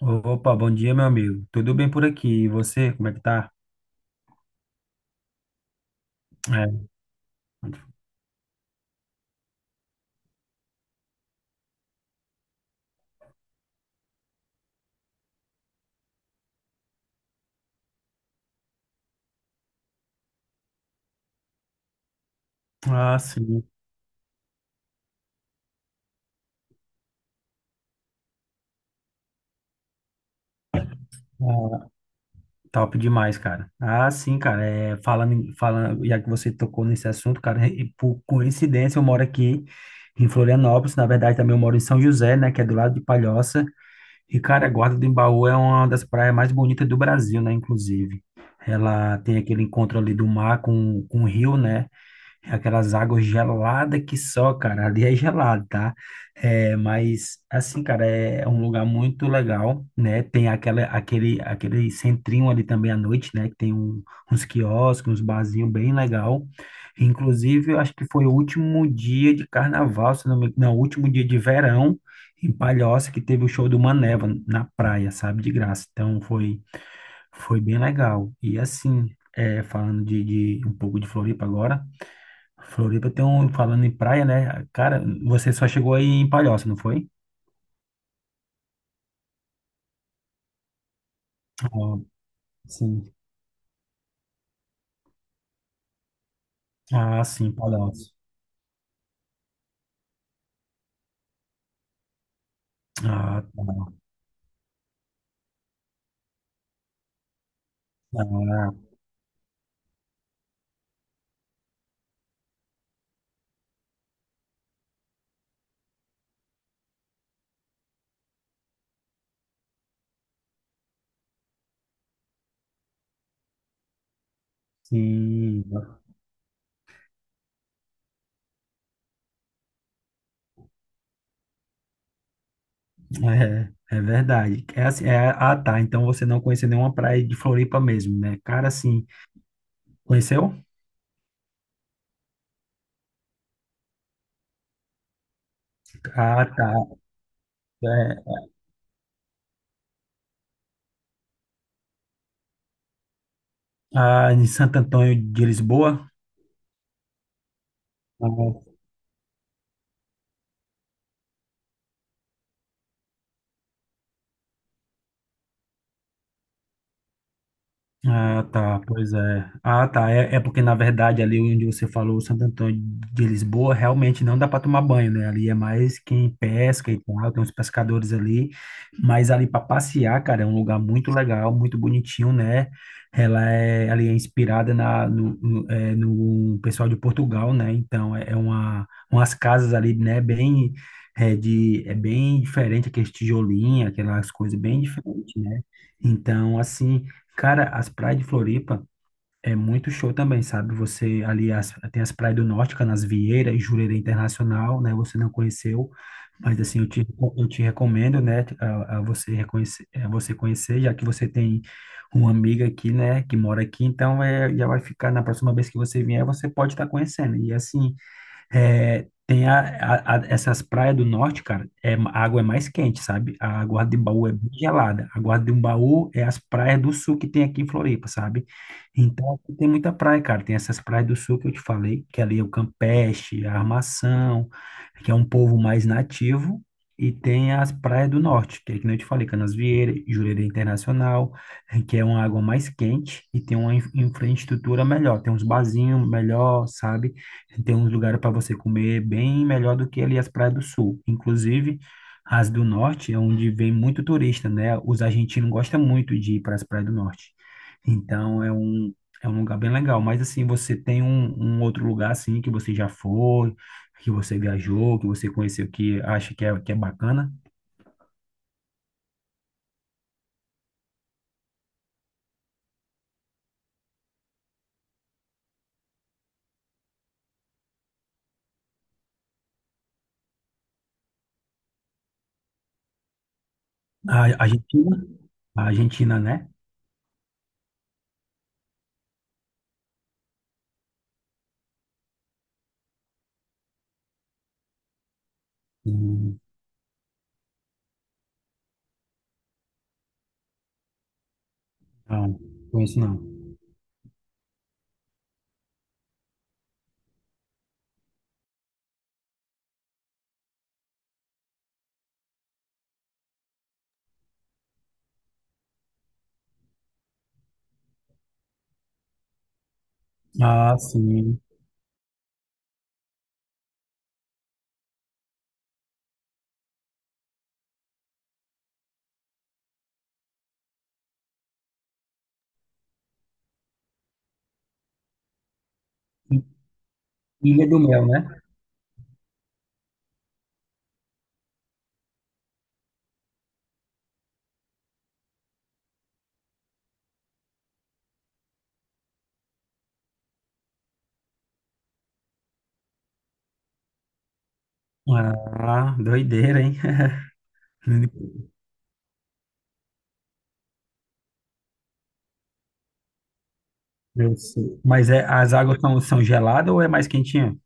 Opa, bom dia, meu amigo. Tudo bem por aqui? E você, como é que tá? É. Ah, sim. Ah, top demais, cara. Ah, sim, cara. É, falando, já que você tocou nesse assunto, cara, e por coincidência eu moro aqui em Florianópolis. Na verdade, também eu moro em São José, né, que é do lado de Palhoça. E, cara, a Guarda do Embaú é uma das praias mais bonitas do Brasil, né, inclusive. Ela tem aquele encontro ali do mar com o rio, né? É aquelas águas geladas que só, cara, ali é gelado, tá? É, mas, assim, cara, é um lugar muito legal, né? Tem aquele centrinho ali também à noite, né? Que tem uns quiosques, uns barzinhos bem legal. Inclusive, eu acho que foi o último dia de carnaval, se não me engano, não, o último dia de verão em Palhoça, que teve o show do Maneva na praia, sabe? De graça. Então, foi bem legal. E, assim, é, falando de um pouco de Floripa agora. Floripa tem um, falando em praia, né? Cara, você só chegou aí em Palhoça, não foi? Ah, sim. Ah, sim, Palhoça. Ah, tá. Ah, sim. É verdade. É assim, é, ah, tá. Então você não conheceu nenhuma praia de Floripa mesmo, né? Cara, assim, conheceu? Ah, tá. É, ah, em Santo Antônio de Lisboa? Ah, Ah, tá, pois é. Ah, tá. É, é porque, na verdade, ali onde você falou, Santo Antônio de Lisboa, realmente não dá para tomar banho, né? Ali é mais quem pesca e tal, tem uns pescadores ali. Mas ali para passear, cara, é um lugar muito legal, muito bonitinho, né? Ali é inspirada na, no, no, é, no pessoal de Portugal, né? Então, umas casas ali, né? Bem, é bem diferente, aqueles tijolinhos, aquelas coisas bem diferentes, né? Então, assim. Cara, as praias de Floripa é muito show também, sabe? Você ali as- tem as praias do Norte, Canasvieira e Jurerê Internacional, né? Você não conheceu, mas assim, eu te recomendo, né? A você conhecer, já que você tem uma amiga aqui, né? Que mora aqui, então é, já vai ficar na próxima vez que você vier, você pode estar conhecendo. E assim, é, tem essas praias do norte, cara, é, a água é mais quente, sabe? A água de Baú é bem gelada. A água de Baú é as praias do sul que tem aqui em Floripa, sabe? Então, aqui tem muita praia, cara. Tem essas praias do sul que eu te falei, que ali é o Campeche, a Armação, que é um povo mais nativo. E tem as praias do norte, que é que nem eu te falei, Canasvieira, Jurerê Internacional, que é uma água mais quente e tem uma infraestrutura melhor. Tem uns barzinhos melhor, sabe? Tem uns lugares para você comer bem melhor do que ali as praias do sul. Inclusive, as do norte é onde vem muito turista, né? Os argentinos gostam muito de ir para as praias do norte. Então, é um lugar bem legal. Mas, assim, você tem um, um outro lugar, assim, que você já foi, que você viajou, que você conheceu, que acha que é bacana? A Argentina? A Argentina, né? Hum, não, conheço não. Ah, sim. Ilha do Mel, né? Ah, doideira, hein? Eu sei. Mas é, as águas são, são geladas ou é mais quentinha?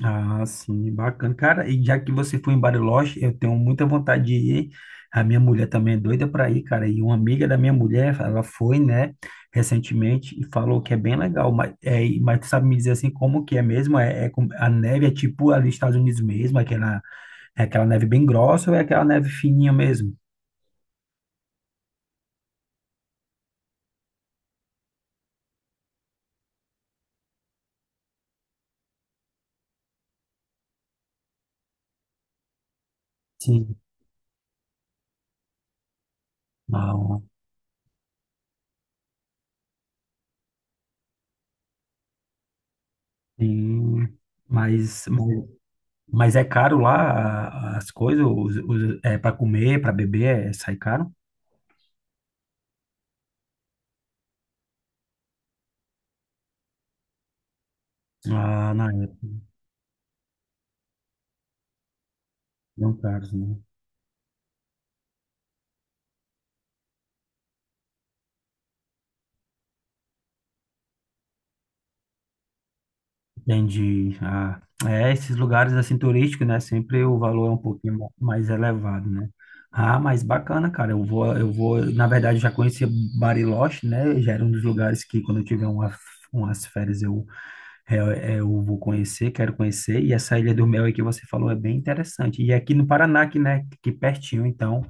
Ah, sim, bacana. Cara, e já que você foi em Bariloche, eu tenho muita vontade de ir. A minha mulher também é doida para ir, cara. E uma amiga da minha mulher, ela foi, né, recentemente e falou que é bem legal. Mas, é, mas tu sabe me dizer assim como que é mesmo? A neve é tipo ali nos Estados Unidos mesmo, aquela, é aquela neve bem grossa ou é aquela neve fininha mesmo? Sim. Não, sim. Mas, mas Mas é caro lá a- as coisas, os, é para comer, para beber, é, sai caro? Ah, na época, não caros, né? Entendi. Ah, é, esses lugares assim turísticos, né? Sempre o valor é um pouquinho mais elevado, né? Ah, mas bacana, cara. Na verdade, eu já conhecia Bariloche, né? Já era um dos lugares que quando eu tiver umas férias eu, eu vou conhecer, quero conhecer. E essa Ilha do Mel aí que você falou é bem interessante. E aqui no Paraná, que, né, que pertinho, então.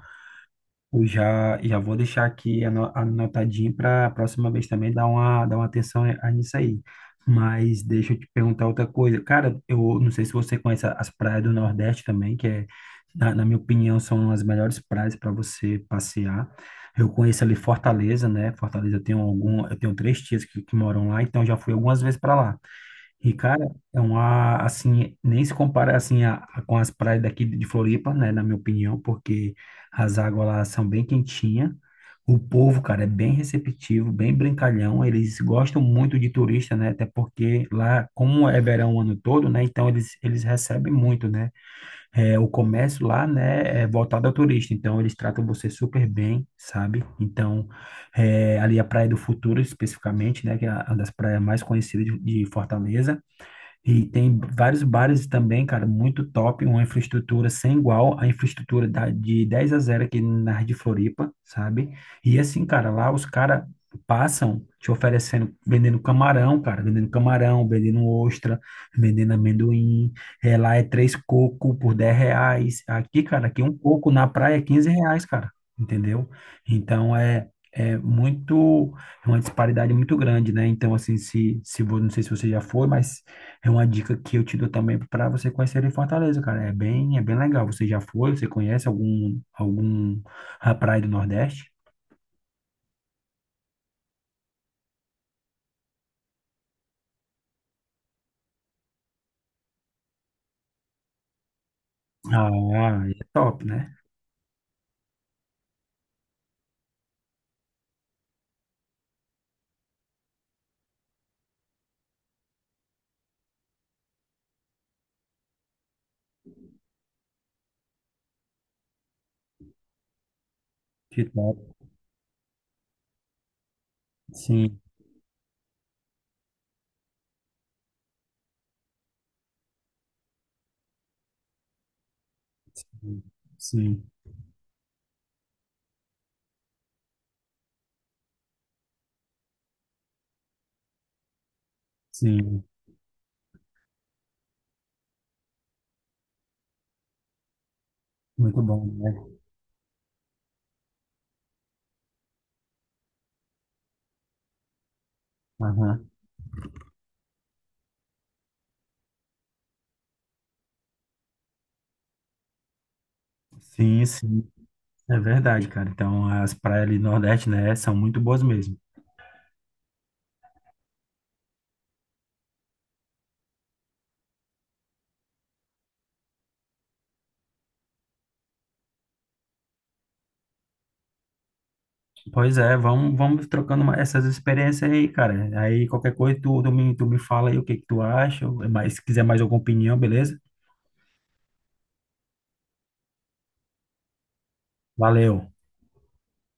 Eu já, já vou deixar aqui anotadinho para a próxima vez também dar uma atenção a nisso aí. Mas deixa eu te perguntar outra coisa. Cara, eu não sei se você conhece as praias do Nordeste também, que é, na, na minha opinião, são as melhores praias para você passear. Eu conheço ali Fortaleza, né? Fortaleza eu tenho três tias que moram lá, então já fui algumas vezes para lá. E, cara, é uma, assim, nem se compara, assim, com as praias daqui de Floripa, né, na minha opinião, porque as águas lá são bem quentinhas. O povo, cara, é bem receptivo, bem brincalhão. Eles gostam muito de turista, né, até porque lá, como é verão o ano todo, né, então eles recebem muito, né. É, o comércio lá, né, é voltado ao turista, então eles tratam você super bem, sabe? Então, é, ali a Praia do Futuro, especificamente, né, que é uma das praias mais conhecidas de Fortaleza, e tem vários bares também, cara, muito top, uma infraestrutura sem igual, a infraestrutura da, de 10 a zero aqui na área de Floripa, sabe? E assim, cara, lá os caras passam te oferecendo, vendendo camarão, cara, vendendo camarão, vendendo ostra, vendendo amendoim, é, lá é três coco por R$ 10, aqui, cara, aqui um coco na praia é R$ 15, cara, entendeu? Então, é... É muito, é uma disparidade muito grande, né? Então, assim, se, vo- não sei se você já foi, mas é uma dica que eu te dou também para você conhecer em Fortaleza, cara. É bem legal. Você já foi? Você conhece algum a praia do Nordeste? Ah, é top, né? Que top. Sim, sim, sim. Muito bom, né? Aham. Sim, sim. É verdade, cara. Então, as praias ali do Nordeste, né, são muito boas mesmo. Pois é, vamos, vamos trocando essas experiências aí, cara. Aí, qualquer coisa, tu me fala aí o que que tu acha. Mas, se quiser mais alguma opinião, beleza? Valeu.